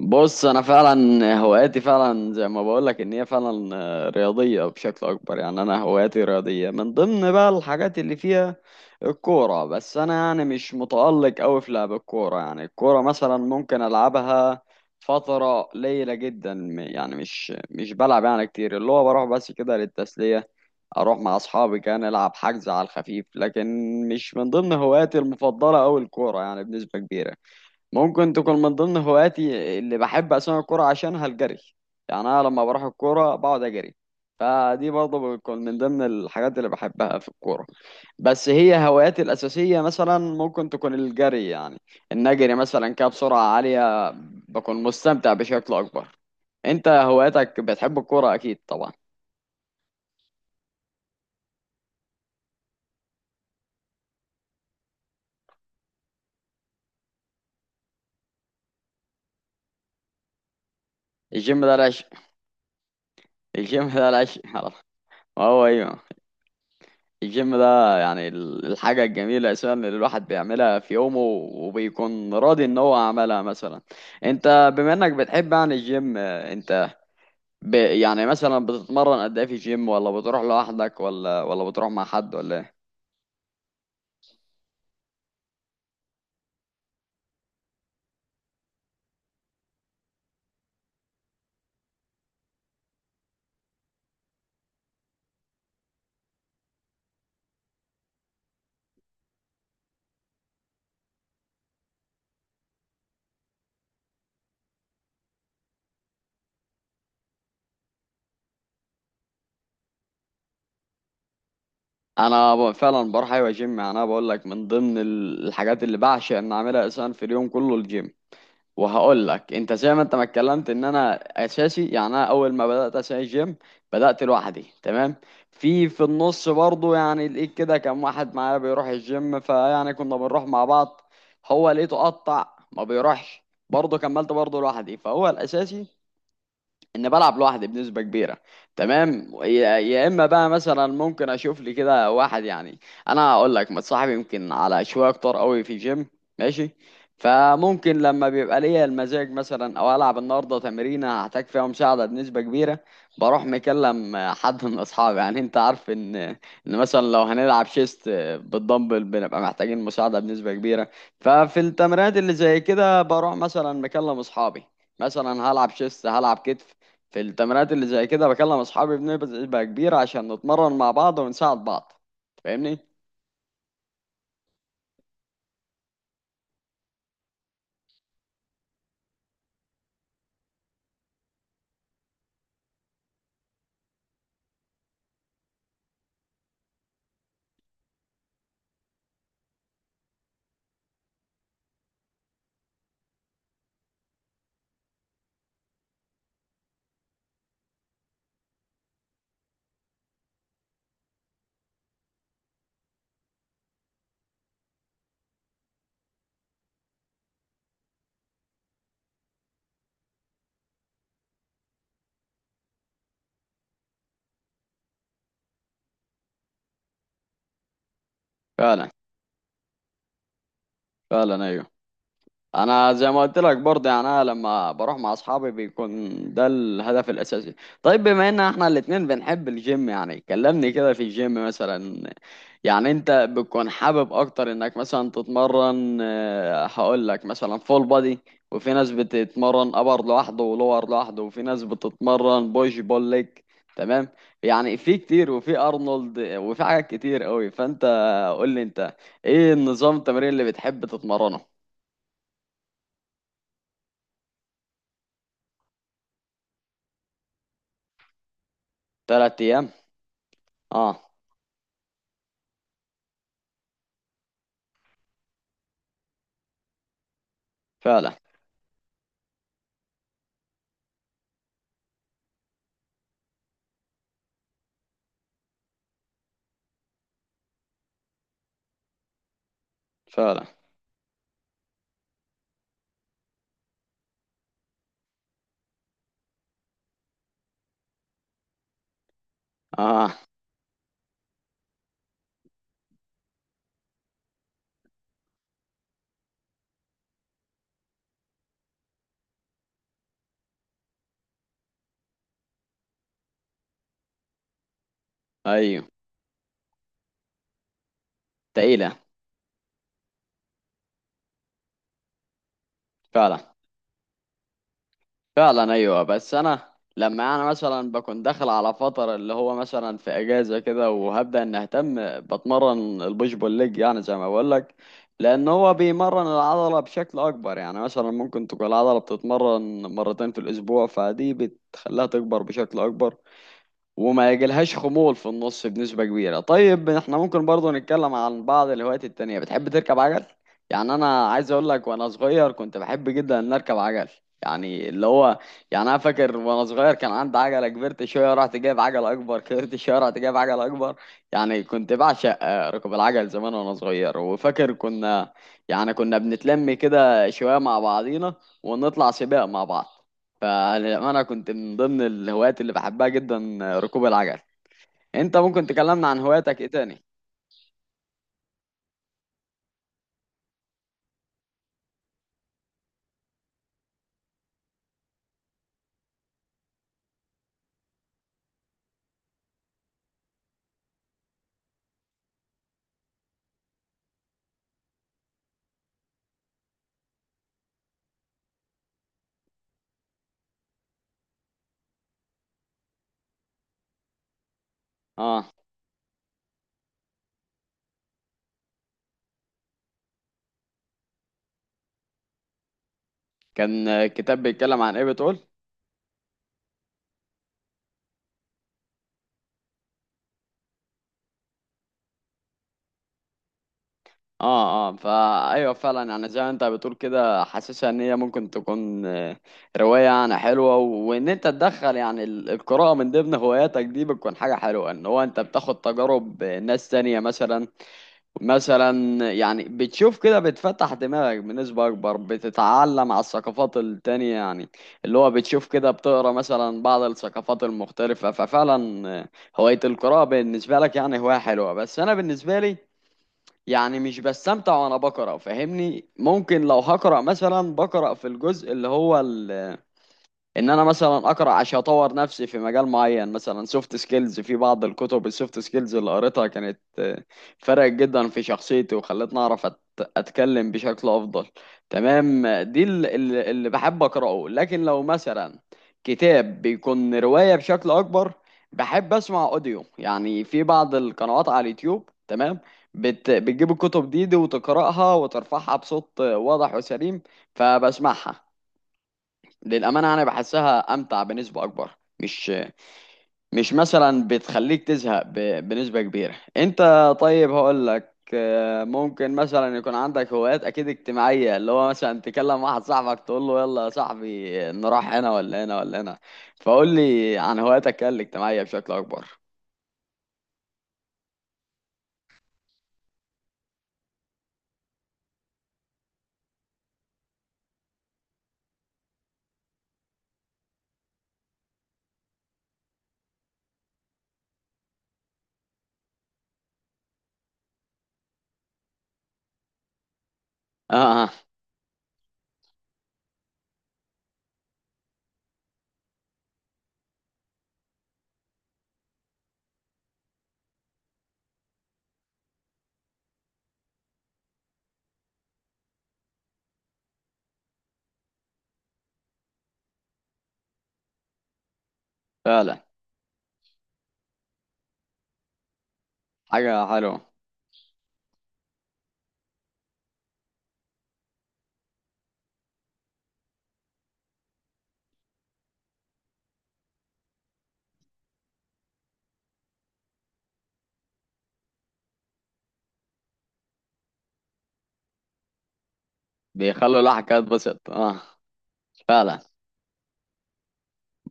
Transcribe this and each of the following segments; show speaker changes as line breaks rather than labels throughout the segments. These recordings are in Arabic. بص، انا فعلا هواياتي فعلا زي ما بقول لك ان هي فعلا رياضيه بشكل اكبر. يعني انا هواياتي رياضيه من ضمن بقى الحاجات اللي فيها الكوره. بس انا يعني مش متالق قوي في لعب الكوره. يعني الكوره مثلا ممكن العبها فتره قليله جدا، يعني مش بلعب يعني كتير، اللي هو بروح بس كده للتسليه. اروح مع اصحابي كان العب حجز على الخفيف، لكن مش من ضمن هواياتي المفضله قوي الكوره يعني بنسبه كبيره. ممكن تكون من ضمن هواياتي اللي بحب أسمع الكورة عشانها الجري. يعني أنا لما بروح الكورة بقعد أجري، فدي برضه بتكون من ضمن الحاجات اللي بحبها في الكورة. بس هي هواياتي الأساسية مثلا ممكن تكون الجري، يعني إن أجري مثلا كده بسرعة عالية بكون مستمتع بشكل أكبر. أنت هواياتك بتحب الكورة أكيد طبعا؟ الجيم ده العشق. الجيم ده العشق. هو أيوه. الجيم ده يعني الحاجة الجميلة أساسا اللي الواحد بيعملها في يومه، وبيكون راضي إن هو عملها مثلا. أنت بما إنك بتحب يعني الجيم، أنت يعني مثلا بتتمرن قد إيه في الجيم؟ ولا بتروح لوحدك، ولا بتروح مع حد، ولا إيه؟ أنا فعلا بروح، أيوة، جيم. يعني أنا بقول لك من ضمن الحاجات اللي بعشق إن أعملها أساسا في اليوم كله الجيم. وهقول لك انت زي ما انت ما اتكلمت ان انا اساسي. يعني انا اول ما بدات اساسي جيم بدات لوحدي، تمام. في النص برضو، يعني لقيت كده كان واحد معايا بيروح الجيم، فيعني كنا بنروح مع بعض. هو لقيته قطع، ما بيروحش، برضه كملت برضه لوحدي. فهو الاساسي ان بلعب لوحدي بنسبه كبيره، تمام. يا اما بقى مثلا ممكن اشوف لي كده واحد، يعني انا اقول لك متصاحب يمكن على شويه كتار قوي في جيم، ماشي. فممكن لما بيبقى ليا المزاج مثلا، او العب النهارده تمرينه هحتاج فيها مساعده بنسبه كبيره، بروح مكلم حد من اصحابي. يعني انت عارف ان مثلا لو هنلعب شيست بالدمبل بنبقى محتاجين مساعده بنسبه كبيره. ففي التمرينات اللي زي كده بروح مثلا مكلم اصحابي، مثلا هلعب شيست، هلعب كتف. في التمرينات اللي زي كده بكلم اصحابي بنبقى بقى كبير عشان نتمرن مع بعض ونساعد بعض. فاهمني؟ فعلا. فعلا، ايوه. انا زي ما قلت لك برضه، يعني انا لما بروح مع اصحابي بيكون ده الهدف الاساسي. طيب، بما ان احنا الاتنين بنحب الجيم، يعني كلمني كده في الجيم مثلا. يعني انت بتكون حابب اكتر انك مثلا تتمرن، هقول لك مثلا فول بادي، وفي ناس بتتمرن ابر لوحده ولور لوحده، وفي ناس بتتمرن بوش بول ليج، تمام؟ يعني في كتير، وفي ارنولد، وفي حاجات كتير قوي. فانت قول لي انت ايه النظام التمرين اللي بتحب تتمرنه؟ 3 ايام. اه. فعلا. فعلا. اه، ايوه. تقيلة فعلا. فعلا، ايوه. بس انا لما انا مثلا بكون داخل على فترة اللي هو مثلا في اجازة كده، وهبدأ ان اهتم بتمرن البوش بول ليج، يعني زي ما بقول لك، لان هو بيمرن العضلة بشكل اكبر. يعني مثلا ممكن تكون العضلة بتتمرن مرتين في الاسبوع، فدي بتخليها تكبر بشكل اكبر وما يجيلهاش خمول في النص بنسبة كبيرة. طيب احنا ممكن برضو نتكلم عن بعض الهوايات التانية. بتحب تركب عجل؟ يعني انا عايز اقول لك وانا صغير كنت بحب جدا ان اركب عجل. يعني اللي هو، يعني انا فاكر وانا صغير كان عندي عجلة كبرت شوية، رحت جايب عجلة اكبر، كبرت شوية رحت جايب عجلة اكبر. يعني كنت بعشق ركوب العجل زمان وانا صغير. وفاكر كنا، يعني كنا بنتلم كده شوية مع بعضينا ونطلع سباق مع بعض. فانا كنت من ضمن الهوايات اللي بحبها جدا ركوب العجل. انت ممكن تكلمنا عن هواياتك ايه تاني؟ اه. كان كتاب بيتكلم عن ايه بتقول؟ اه، اه، ايوه، فعلا. يعني زي ما انت بتقول كده حاسسها ان هي ممكن تكون روايه يعني حلوه. وان انت تدخل يعني القراءه من ضمن هواياتك دي، بتكون حاجه حلوه ان هو انت بتاخد تجارب ناس تانية مثلا. مثلا يعني بتشوف كده بتفتح دماغك بنسبة أكبر، بتتعلم على الثقافات التانية. يعني اللي هو بتشوف كده بتقرا مثلا بعض الثقافات المختلفة. ففعلا هواية القراءة بالنسبة لك يعني هواية حلوة. بس أنا بالنسبة لي يعني مش بستمتع وأنا بقرأ، فاهمني؟ ممكن لو هقرأ مثلا، بقرأ في الجزء اللي هو ان انا مثلا اقرا عشان اطور نفسي في مجال معين. مثلا سوفت سكيلز، في بعض الكتب السوفت سكيلز اللي قريتها كانت فرقت جدا في شخصيتي، وخلتني اعرف اتكلم بشكل افضل، تمام. دي اللي بحب اقراه. لكن لو مثلا كتاب بيكون رواية بشكل اكبر، بحب اسمع اوديو. يعني في بعض القنوات على اليوتيوب، تمام، بتجيب الكتب دي وتقراها وترفعها بصوت واضح وسليم، فبسمعها. للأمانة أنا بحسها أمتع بنسبة أكبر. مش مش مثلا بتخليك تزهق بنسبة كبيرة، أنت. طيب هقول لك، ممكن مثلا يكون عندك هوايات أكيد اجتماعية، اللي هو مثلا تكلم واحد صاحبك تقول له يلا يا صاحبي نروح هنا ولا هنا ولا هنا. فقول لي عن هواياتك الاجتماعية بشكل أكبر. آه. آه، فعلا. حاجة حلوة. بيخلوا الواحد كده يتبسط، آه. فعلا.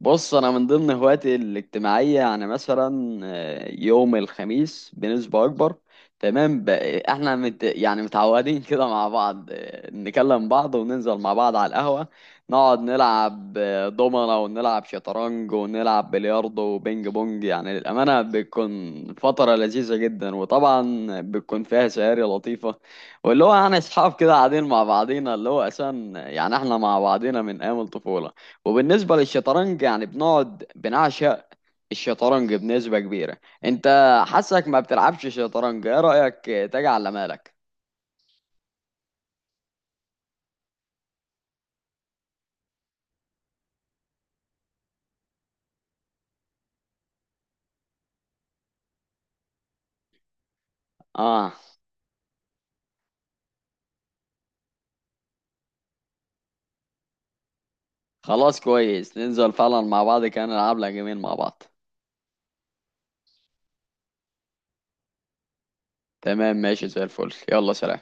بص انا من ضمن هواياتي الاجتماعيه، يعني مثلا يوم الخميس بنسبه اكبر، تمام. احنا يعني متعودين كده مع بعض. نكلم بعض وننزل مع بعض على القهوه، نقعد نلعب دومنه ونلعب شطرنج ونلعب بلياردو وبينج بونج. يعني للامانه بتكون فتره لذيذه جدا، وطبعا بتكون فيها سهاري لطيفه. واللي هو يعني اصحاب كده قاعدين مع بعضينا. اللي هو اساسا يعني احنا مع بعضينا من ايام الطفوله. وبالنسبة للشطرنج يعني بنقعد بنعشق الشطرنج بنسبة كبيرة. انت حاسك ما بتلعبش شطرنج، ايه رأيك تيجي على مالك؟ اه. خلاص، كويس، ننزل فعلا مع بعض كان نلعب لها جيمين مع بعض. تمام، ماشي، زي الفل. يلا سلام.